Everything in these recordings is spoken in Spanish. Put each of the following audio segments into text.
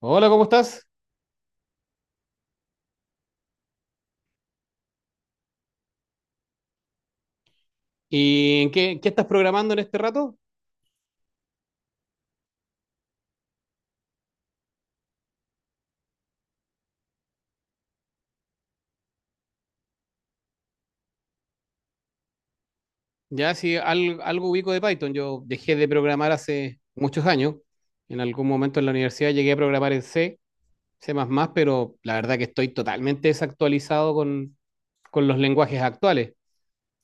Hola, ¿cómo estás? ¿Y en qué estás programando en este rato? Ya si al- Algo ubico de Python, yo dejé de programar hace muchos años. En algún momento en la universidad llegué a programar en C, C++, pero la verdad que estoy totalmente desactualizado con los lenguajes actuales.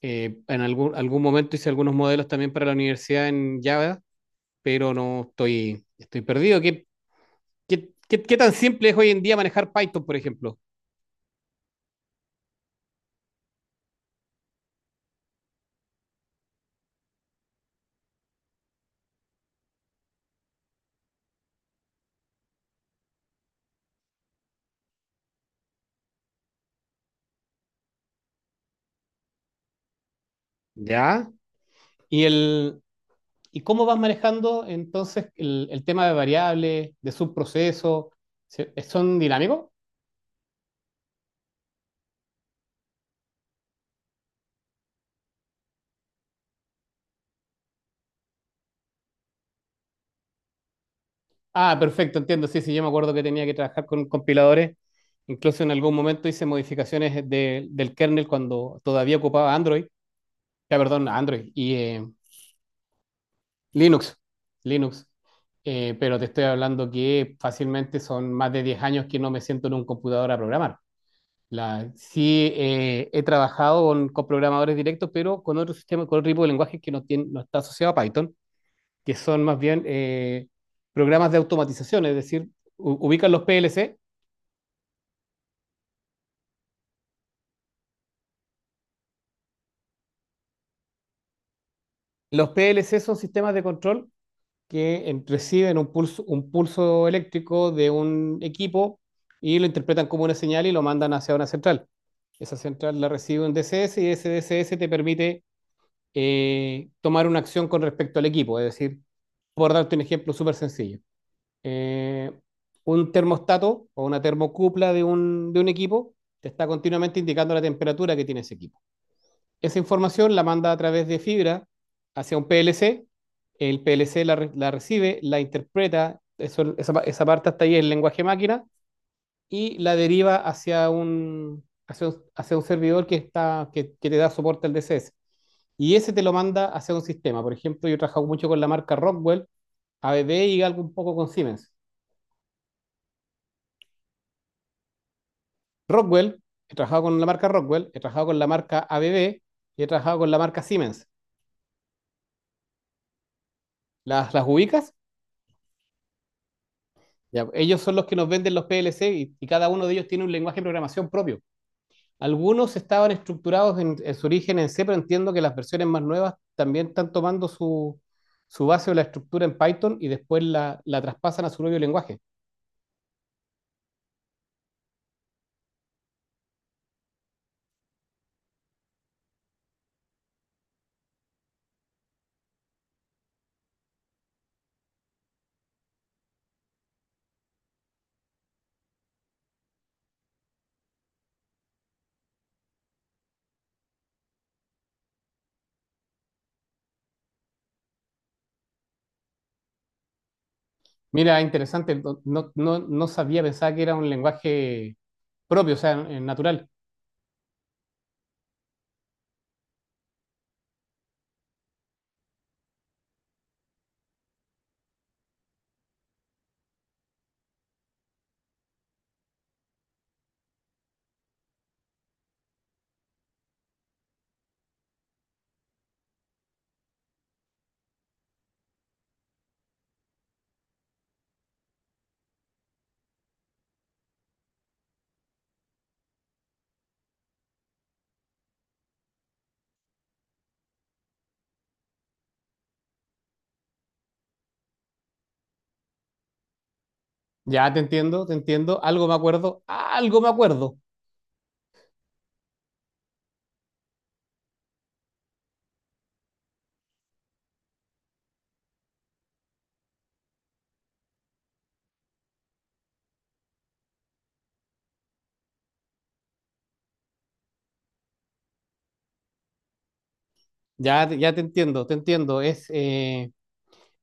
En algún momento hice algunos modelos también para la universidad en Java, pero no estoy perdido. Qué tan simple es hoy en día manejar Python, por ejemplo? ¿Ya? ¿Y el, ¿Y cómo vas manejando entonces el tema de variables, de subprocesos? ¿Son dinámicos? Ah, perfecto, entiendo. Sí, sí, yo me acuerdo que tenía que trabajar con compiladores. Incluso en algún momento hice modificaciones del kernel cuando todavía ocupaba Android. Ya, perdón, Android y Linux. Linux. Pero te estoy hablando que fácilmente son más de 10 años que no me siento en un computador a programar. Sí, he trabajado con programadores directos, pero con otro sistema, con otro tipo de lenguaje que no está asociado a Python, que son más bien programas de automatización, es decir, ubican los PLC. Los PLC son sistemas de control que reciben un pulso eléctrico de un equipo y lo interpretan como una señal y lo mandan hacia una central. Esa central la recibe un DCS y ese DCS te permite tomar una acción con respecto al equipo, es decir, por darte un ejemplo súper sencillo, eh, un termostato o una termocupla de de un equipo te está continuamente indicando la temperatura que tiene ese equipo. Esa información la manda a través de fibra hacia un PLC, el PLC la recibe, la interpreta, esa parte hasta ahí es lenguaje máquina, y la deriva hacia un servidor que te da soporte al DCS. Y ese te lo manda hacia un sistema. Por ejemplo, yo he trabajado mucho con la marca Rockwell, ABB y algo un poco con Siemens. Rockwell, he trabajado con la marca Rockwell, he trabajado con la marca ABB y he trabajado con la marca Siemens. Las ubicas? Ya, ellos son los que nos venden los PLC y cada uno de ellos tiene un lenguaje de programación propio. Algunos estaban estructurados en su origen en C, pero entiendo que las versiones más nuevas también están tomando su base o la estructura en Python y después la traspasan a su propio lenguaje. Mira, interesante, no sabía, pensaba que era un lenguaje propio, o sea, natural. Ya te entiendo, algo me acuerdo, algo me acuerdo. Ya, ya te entiendo, te entiendo. Es,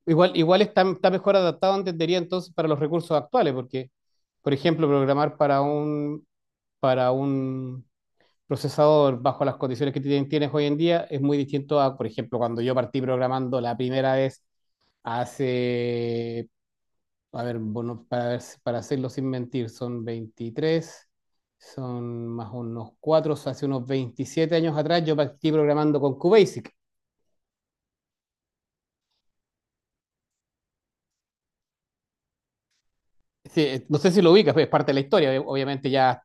igual, igual está mejor adaptado, entendería entonces, para los recursos actuales, porque, por ejemplo, programar para para un procesador bajo las condiciones que tienes hoy en día es muy distinto a, por ejemplo, cuando yo partí programando la primera vez hace, a ver, bueno, para hacerlo sin mentir, son 23 son más unos 4, o sea, hace unos 27 años atrás yo partí programando con QBasic. Sí, no sé si lo ubicas, pues es parte de la historia, obviamente ya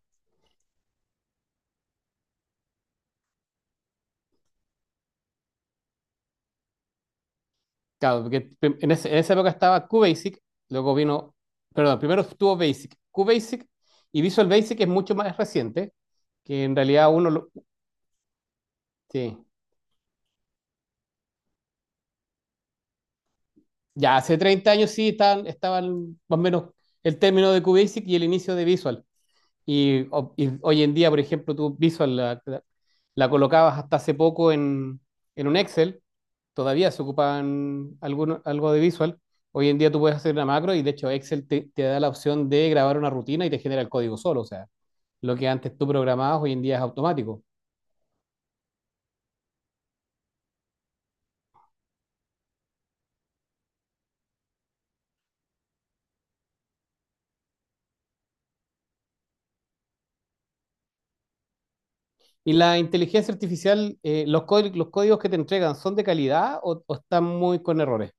claro, porque en esa época estaba QBasic, luego vino, perdón, primero estuvo Basic, QBasic y Visual Basic es mucho más reciente, que en realidad uno lo, sí. Ya hace 30 años sí estaban, estaban más o menos el término de QBasic y el inicio de Visual. Y, y hoy en día, por ejemplo, tú Visual la colocabas hasta hace poco en un Excel todavía se ocupan algo de visual. Hoy en día tú puedes hacer una macro y de hecho Excel te da la opción de grabar una rutina y te genera el código solo. O sea, lo que antes tú programabas hoy en día es automático. Y la inteligencia artificial, los códigos que te entregan, ¿son de calidad o están muy con errores?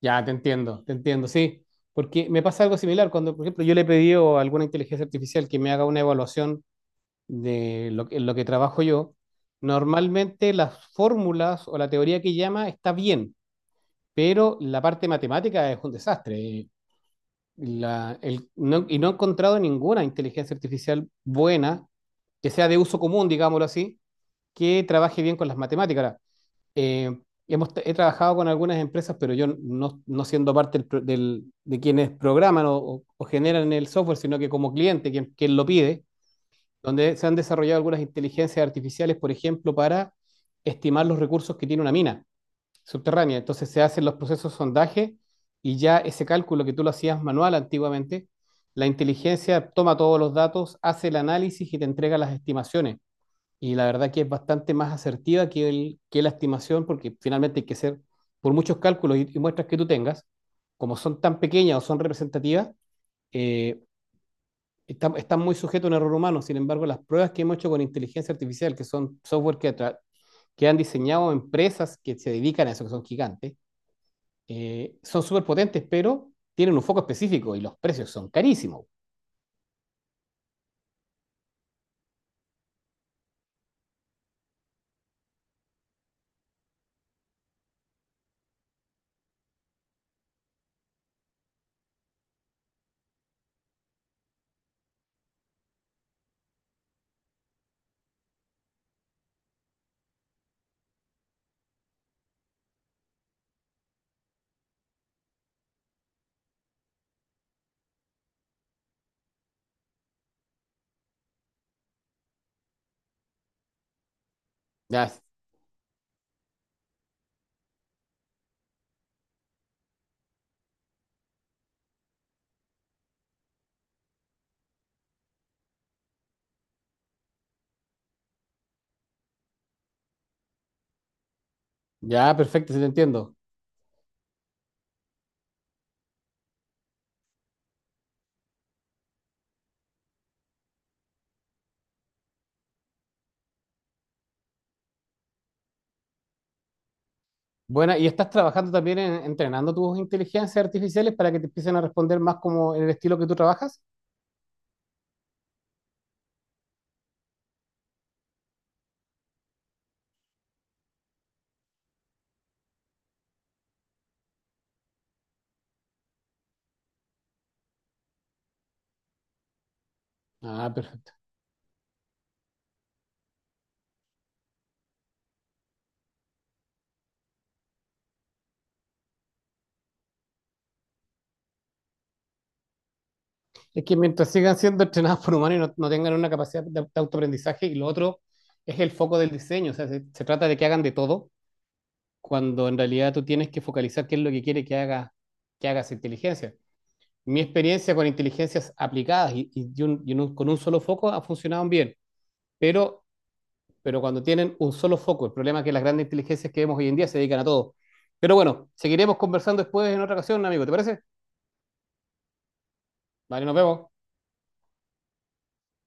Ya, te entiendo, sí. Porque me pasa algo similar cuando, por ejemplo, yo le he pedido a alguna inteligencia artificial que me haga una evaluación en lo que trabajo yo. Normalmente las fórmulas o la teoría que llama está bien, pero la parte matemática es un desastre. No he encontrado ninguna inteligencia artificial buena, que sea de uso común, digámoslo así, que trabaje bien con las matemáticas. Ahora, eh, he trabajado con algunas empresas, pero yo no siendo parte de quienes programan o generan el software, sino que como cliente, quien lo pide, donde se han desarrollado algunas inteligencias artificiales, por ejemplo, para estimar los recursos que tiene una mina subterránea. Entonces se hacen los procesos de sondaje y ya ese cálculo que tú lo hacías manual antiguamente, la inteligencia toma todos los datos, hace el análisis y te entrega las estimaciones. Y la verdad que es bastante más asertiva que la estimación, porque finalmente hay que hacer por muchos cálculos y muestras que tú tengas, como son tan pequeñas o son representativas, eh, están muy sujetos a un error humano. Sin embargo, las pruebas que hemos hecho con inteligencia artificial, que son software que han diseñado empresas que se dedican a eso, que son gigantes, son súper potentes, pero tienen un foco específico y los precios son carísimos. Ya, ya, perfecto, sí te entiendo. Bueno, y estás trabajando también en, entrenando tus inteligencias artificiales para que te empiecen a responder más como en el estilo que tú trabajas. Ah, perfecto. Es que mientras sigan siendo entrenados por humanos y no tengan una capacidad de autoaprendizaje, y lo otro es el foco del diseño, o sea, se trata de que hagan de todo, cuando en realidad tú tienes que focalizar qué es lo que quiere que haga esa inteligencia. Mi experiencia con inteligencias aplicadas y con un solo foco ha funcionado bien, pero, pero cuando tienen un solo foco, el problema es que las grandes inteligencias que vemos hoy en día se dedican a todo. Pero bueno, seguiremos conversando después en otra ocasión, amigo, ¿te parece? Vale, nos vemos.